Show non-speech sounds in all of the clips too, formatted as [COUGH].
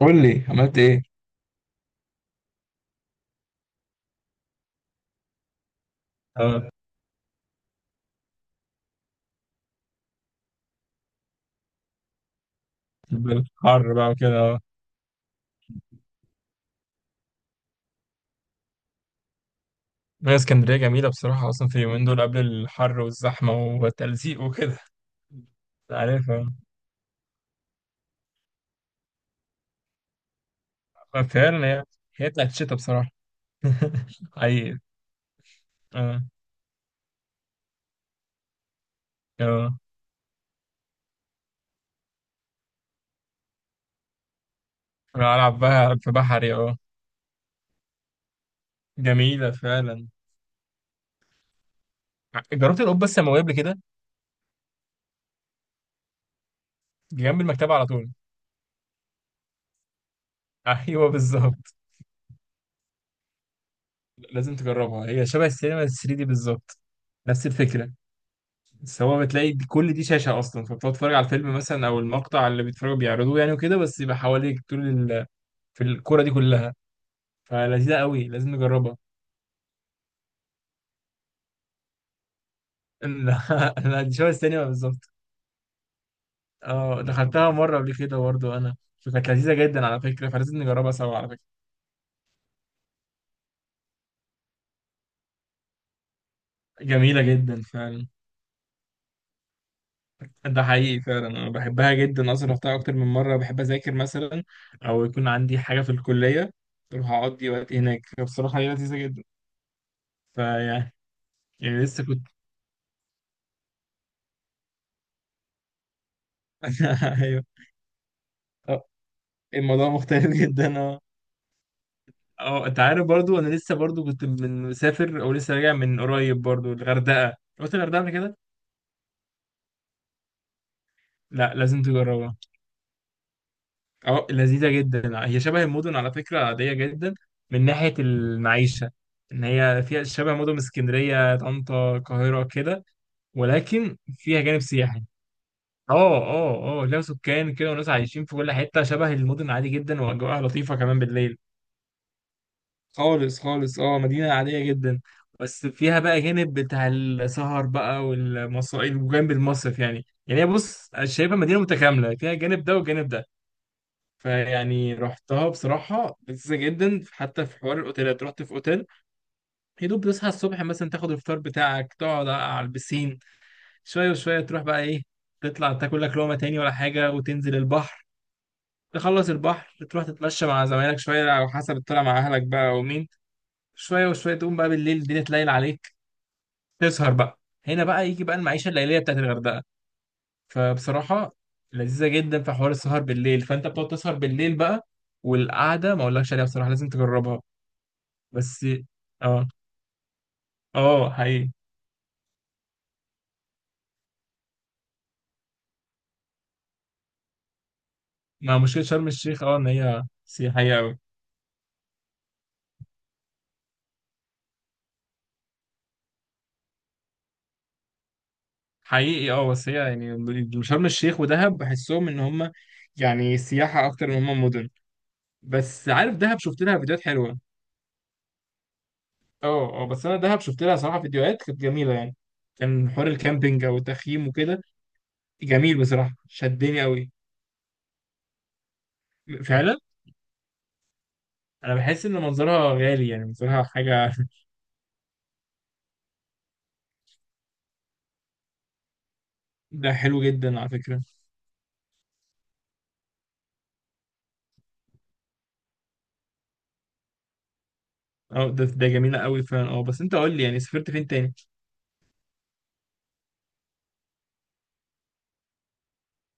قول لي عملت ايه. اه الحر بقى وكده اه. هي اسكندرية جميلة بصراحة أصلا في اليومين دول قبل الحر والزحمة والتلزيق وكده. [LAUGHS] أنت عارف اه. فعلا هي هي بتاعت الشتا بصراحة. [LAUGHS] حقيقي. اه اه أنا ألعب بقى في بحري اه. جميلة فعلا. جربت القبة السماوية قبل كده؟ دي جنب المكتبة على طول. [LAUGHS] أيوه بالظبط. لازم تجربها، هي شبه السينما 3D دي بالظبط، نفس الفكرة. بس هو بتلاقي كل دي شاشة أصلا، فبتقعد تتفرج على الفيلم مثلا أو المقطع اللي بيتفرجوا بيعرضوه يعني وكده، بس يبقى حواليك طول ال... في الكورة دي كلها. فلذيذة قوي لازم نجربها. [LAUGHS] لا لا، دي شبه [LAUGHS] السينما بالظبط. اه دخلتها مرة قبل كده برضه أنا، فكانت لذيذة جدا على فكرة، فلازم نجربها سوا على فكرة. جميلة جدا فعلا. ده حقيقي فعلا، أنا بحبها جدا أصلا، رحتها أكتر من مرة، بحب أذاكر مثلا أو يكون عندي حاجة في الكلية أروح أقضي وقت هناك، فبصراحة هي لذيذة جدا. فيعني يعني لسه كنت. [LAUGHS] أيوه. آه، الموضوع مختلف [LAUGHS] جدا اه. اه انت عارف برضو انا لسه برضو كنت من مسافر او لسه راجع من قريب برضو الغردقه، رحت الغردقه قبل كده؟ لا لازم تجربها. اه لذيذه جدا، هي شبه المدن على فكره، عاديه جدا من ناحيه المعيشه. ان هي فيها شبه مدن اسكندريه طنطا القاهره كده، ولكن فيها جانب سياحي. اه اه اه ليها سكان كده وناس عايشين في كل حته شبه المدن عادي جدا، واجواءها لطيفه كمان بالليل. خالص خالص، اه مدينة عادية جدا، بس فيها بقى جانب بتاع السهر بقى والمصائل وجنب المصرف يعني. يعني هي بص أنا شايفها مدينة متكاملة، فيها الجانب ده والجانب ده. فيعني رحتها بصراحة لذيذة جدا، حتى في حوار الأوتيلات، رحت في أوتيل، يا دوب تصحى الصبح مثلا تاخد الفطار بتاعك تقعد على البسين شوية وشوية تروح بقى إيه، تطلع تاكل لك لقمة تاني ولا حاجة وتنزل البحر، تخلص البحر تروح تتمشى مع زمايلك شوية أو حسب الطلعة مع أهلك بقى ومين، شويه وشويه تقوم بقى بالليل الدنيا تليل عليك تسهر بقى. هنا بقى يجي بقى المعيشه الليليه بتاعت الغردقه. فبصراحه لذيذه جدا في حوار السهر بالليل، فانت بتقعد تسهر بالليل بقى، والقعده ما اقولكش عليها بصراحه، لازم تجربها. بس اه. اه حقيقي. مع مشكله شرم الشيخ اه ان هي سياحيه قوي. حقيقي اه بس هي يعني شرم الشيخ ودهب بحسهم ان هم يعني سياحه اكتر من هم مدن. بس عارف دهب شفت لها فيديوهات حلوه. اه اه بس انا دهب شفت لها صراحه فيديوهات كانت جميله يعني، كان حوار الكامبينج او التخييم وكده، جميل بصراحه شدني قوي. فعلا. انا بحس ان منظرها غالي يعني منظرها حاجه. [LAUGHS] ده حلو جدا على فكره. اه ده ده جميله قوي فعلا اه. بس انت قول لي يعني سافرت فين تاني؟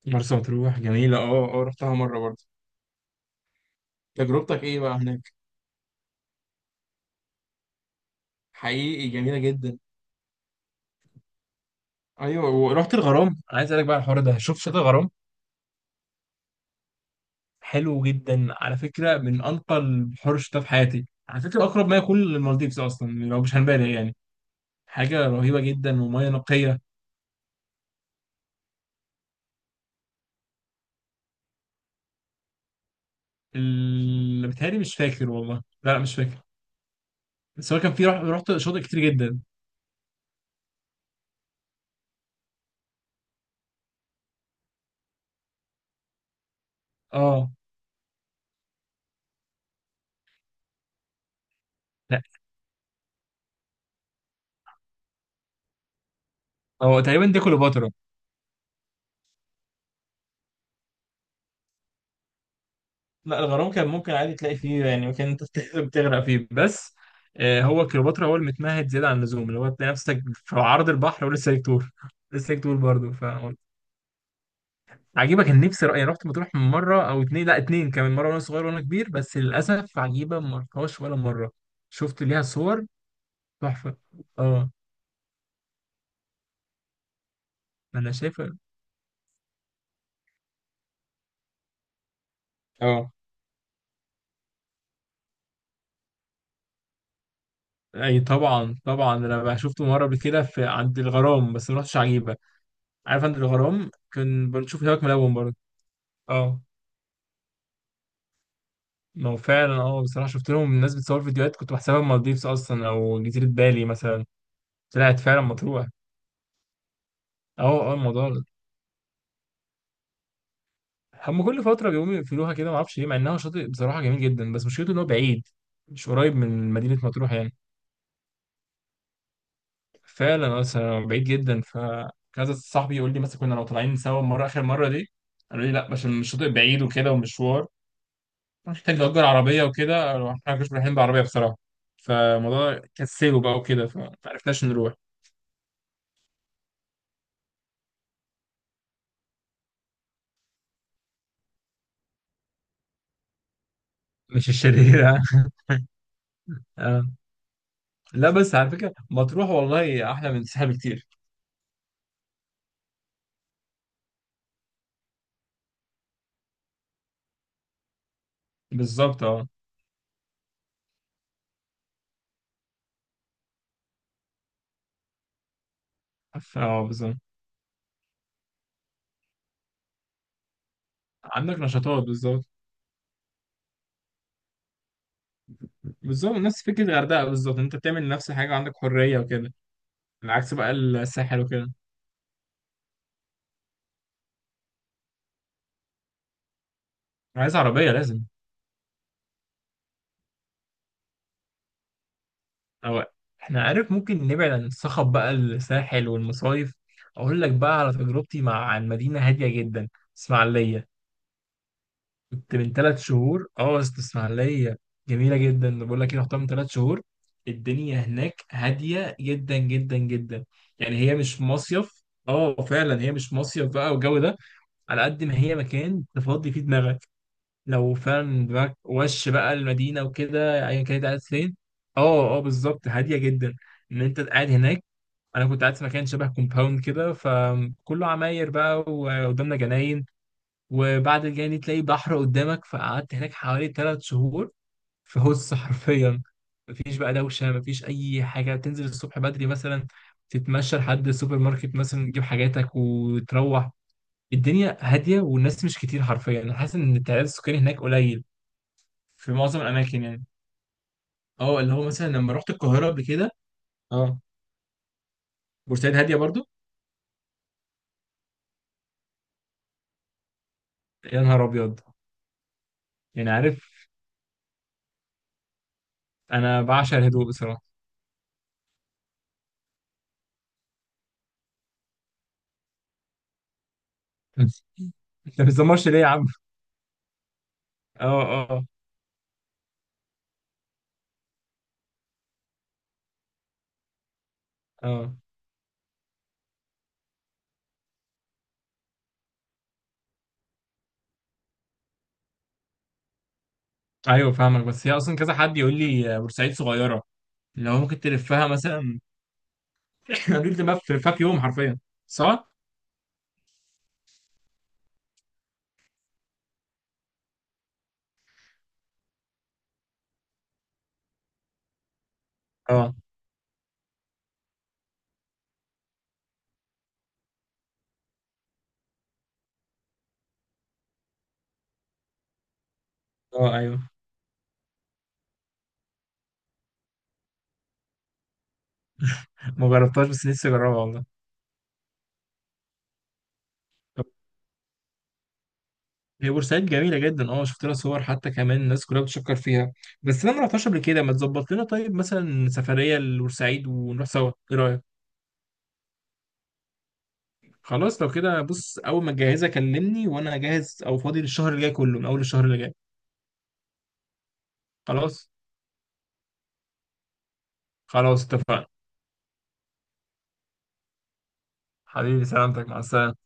مرسى مطروح جميله اه اه، رحتها مره برضه. تجربتك ايه بقى هناك؟ حقيقي جميله جدا. ايوه ورحت الغرام، أنا عايز اسالك بقى على الحوار ده، شوف شاطئ الغرام حلو جدا على فكرة، من أنقى البحور اللي شفتها في حياتي على فكرة، أقرب ما يكون للمالديفز أصلا يعني لو مش هنبالغ يعني، حاجة رهيبة جدا ومياه نقية. اللي بتهيألي مش فاكر والله. لا لا مش فاكر. بس هو كان في رحت شاطئ كتير جدا. اه لا هو تقريبا دي كليوباترا. لا الغرام كان ممكن عادي تلاقي فيه يعني مكان أنت بتغرق فيه بس. آه هو كليوباترا هو المتمهد زيادة عن اللزوم، اللي هو تلاقي نفسك في عرض البحر ولسه ليك طول. [LAUGHS] لسه ليك طول برضه. عجيبة كان نفسي رأيي، رحت مطروح من مرة أو اتنين، لا اتنين كمان مرة، وأنا صغير وأنا كبير، بس للأسف عجيبة ما رحتهاش ولا مرة. شفت ليها صور تحفة اه. أنا شايفة. اه أي طبعا طبعا، أنا بقى شفته مرة قبل كده في عند الغرام، بس ما رحتش عجيبة. عارف عند الغرام كان بنشوف هناك ملون برضه. اه ما هو فعلا اه، بصراحة شفت لهم الناس بتصور فيديوهات كنت بحسبها مالديفز أصلا أو جزيرة بالي مثلا. طلعت فعلا مطروح. اه اه الموضوع هم كل فترة بيقوموا يقفلوها كده معرفش ليه، مع انها شاطئ بصراحة جميل جدا، بس مشكلته ان هو بعيد، مش قريب من مدينة مطروح يعني. فعلا اصلا بعيد جدا، فكذا صاحبي يقول لي مثلا كنا لو طالعين سوا المرة اخر مرة دي، قالوا لي لا عشان الشاطئ بعيد وكده ومشوار، محتاج نأجر عربية وكده، قالوا احنا ما كناش رايحين بعربية بصراحة، فالموضوع كسله بقى وكده، فمعرفناش نروح. مش الشريرة. [LAUGHS] آه. لا بس على فكرة مطروح والله أحلى من الساحل بكتير. بالظبط اه. اه بالظبط. عندك نشاطات بالظبط. بالظبط، نفس فكرة الغردقة بالظبط، انت بتعمل نفس الحاجة وعندك حرية وكده. العكس بقى الساحل وكده. عايز عربية لازم. أو احنا عارف ممكن نبعد عن الصخب بقى الساحل والمصايف، أقول لك بقى على تجربتي مع عن مدينة هادية جدا، اسماعيلية. كنت من ثلاث شهور اه أصل اسماعيلية جميلة جدا، بقول لك ايه رحتها من ثلاث شهور، الدنيا هناك هادية جدا جدا جدا، يعني هي مش مصيف، اه فعلا هي مش مصيف بقى والجو ده، على قد ما هي مكان تفضي فيه دماغك لو فعلا دماغك وش بقى المدينة وكده أيا كانت قاعد فين. اه اه بالظبط هادية جدا. إن أنت قاعد هناك، أنا كنت قاعد في مكان شبه كومباوند كده، فكله عماير بقى وقدامنا جناين، وبعد الجناين تلاقي بحر قدامك، فقعدت هناك حوالي ثلاث شهور في هوس [LAUGHS] حرفيا، مفيش بقى دوشة، مفيش أي حاجة، تنزل الصبح بدري مثلا تتمشى لحد السوبر ماركت مثلا تجيب حاجاتك وتروح، الدنيا هادية والناس مش كتير، حرفيا أنا حاسس إن التعداد السكاني هناك قليل في معظم الاماكن يعني. اه اللي هو مثلا لما رحت القاهره قبل كده. اه بورسعيد هاديه برضو. يا نهار ابيض. يعني عارف انا بعشق الهدوء بصراحه. [LAUGHS] انت ما بتزمرش ليه يا عم؟ اه اه اه. ايوه فاهمك، بس هي اصلا كذا حد يقول لي بورسعيد صغيره، اللي هو ممكن تلفها مثلا. [LAUGHS] [CLEARS THROAT] قالوا لي بقى في يوم حرفيا، صح؟ اه اه ايوه. ما جربتهاش بس نفسي اجربها والله. هي بورسعيد جميلة جدا اه، شفت لها صور، حتى كمان الناس كلها بتشكر فيها. بس انا ما رحتهاش قبل كده، ما تظبط لنا طيب مثلا سفرية لبورسعيد ونروح سوا، ايه رأيك؟ خلاص لو كده بص، اول ما تجهزها كلمني وانا جاهز او فاضي للشهر اللي جاي كله، من اول الشهر اللي جاي. خلاص. خلاص اتفقنا. حبيبي سلامتك، مع السلامة.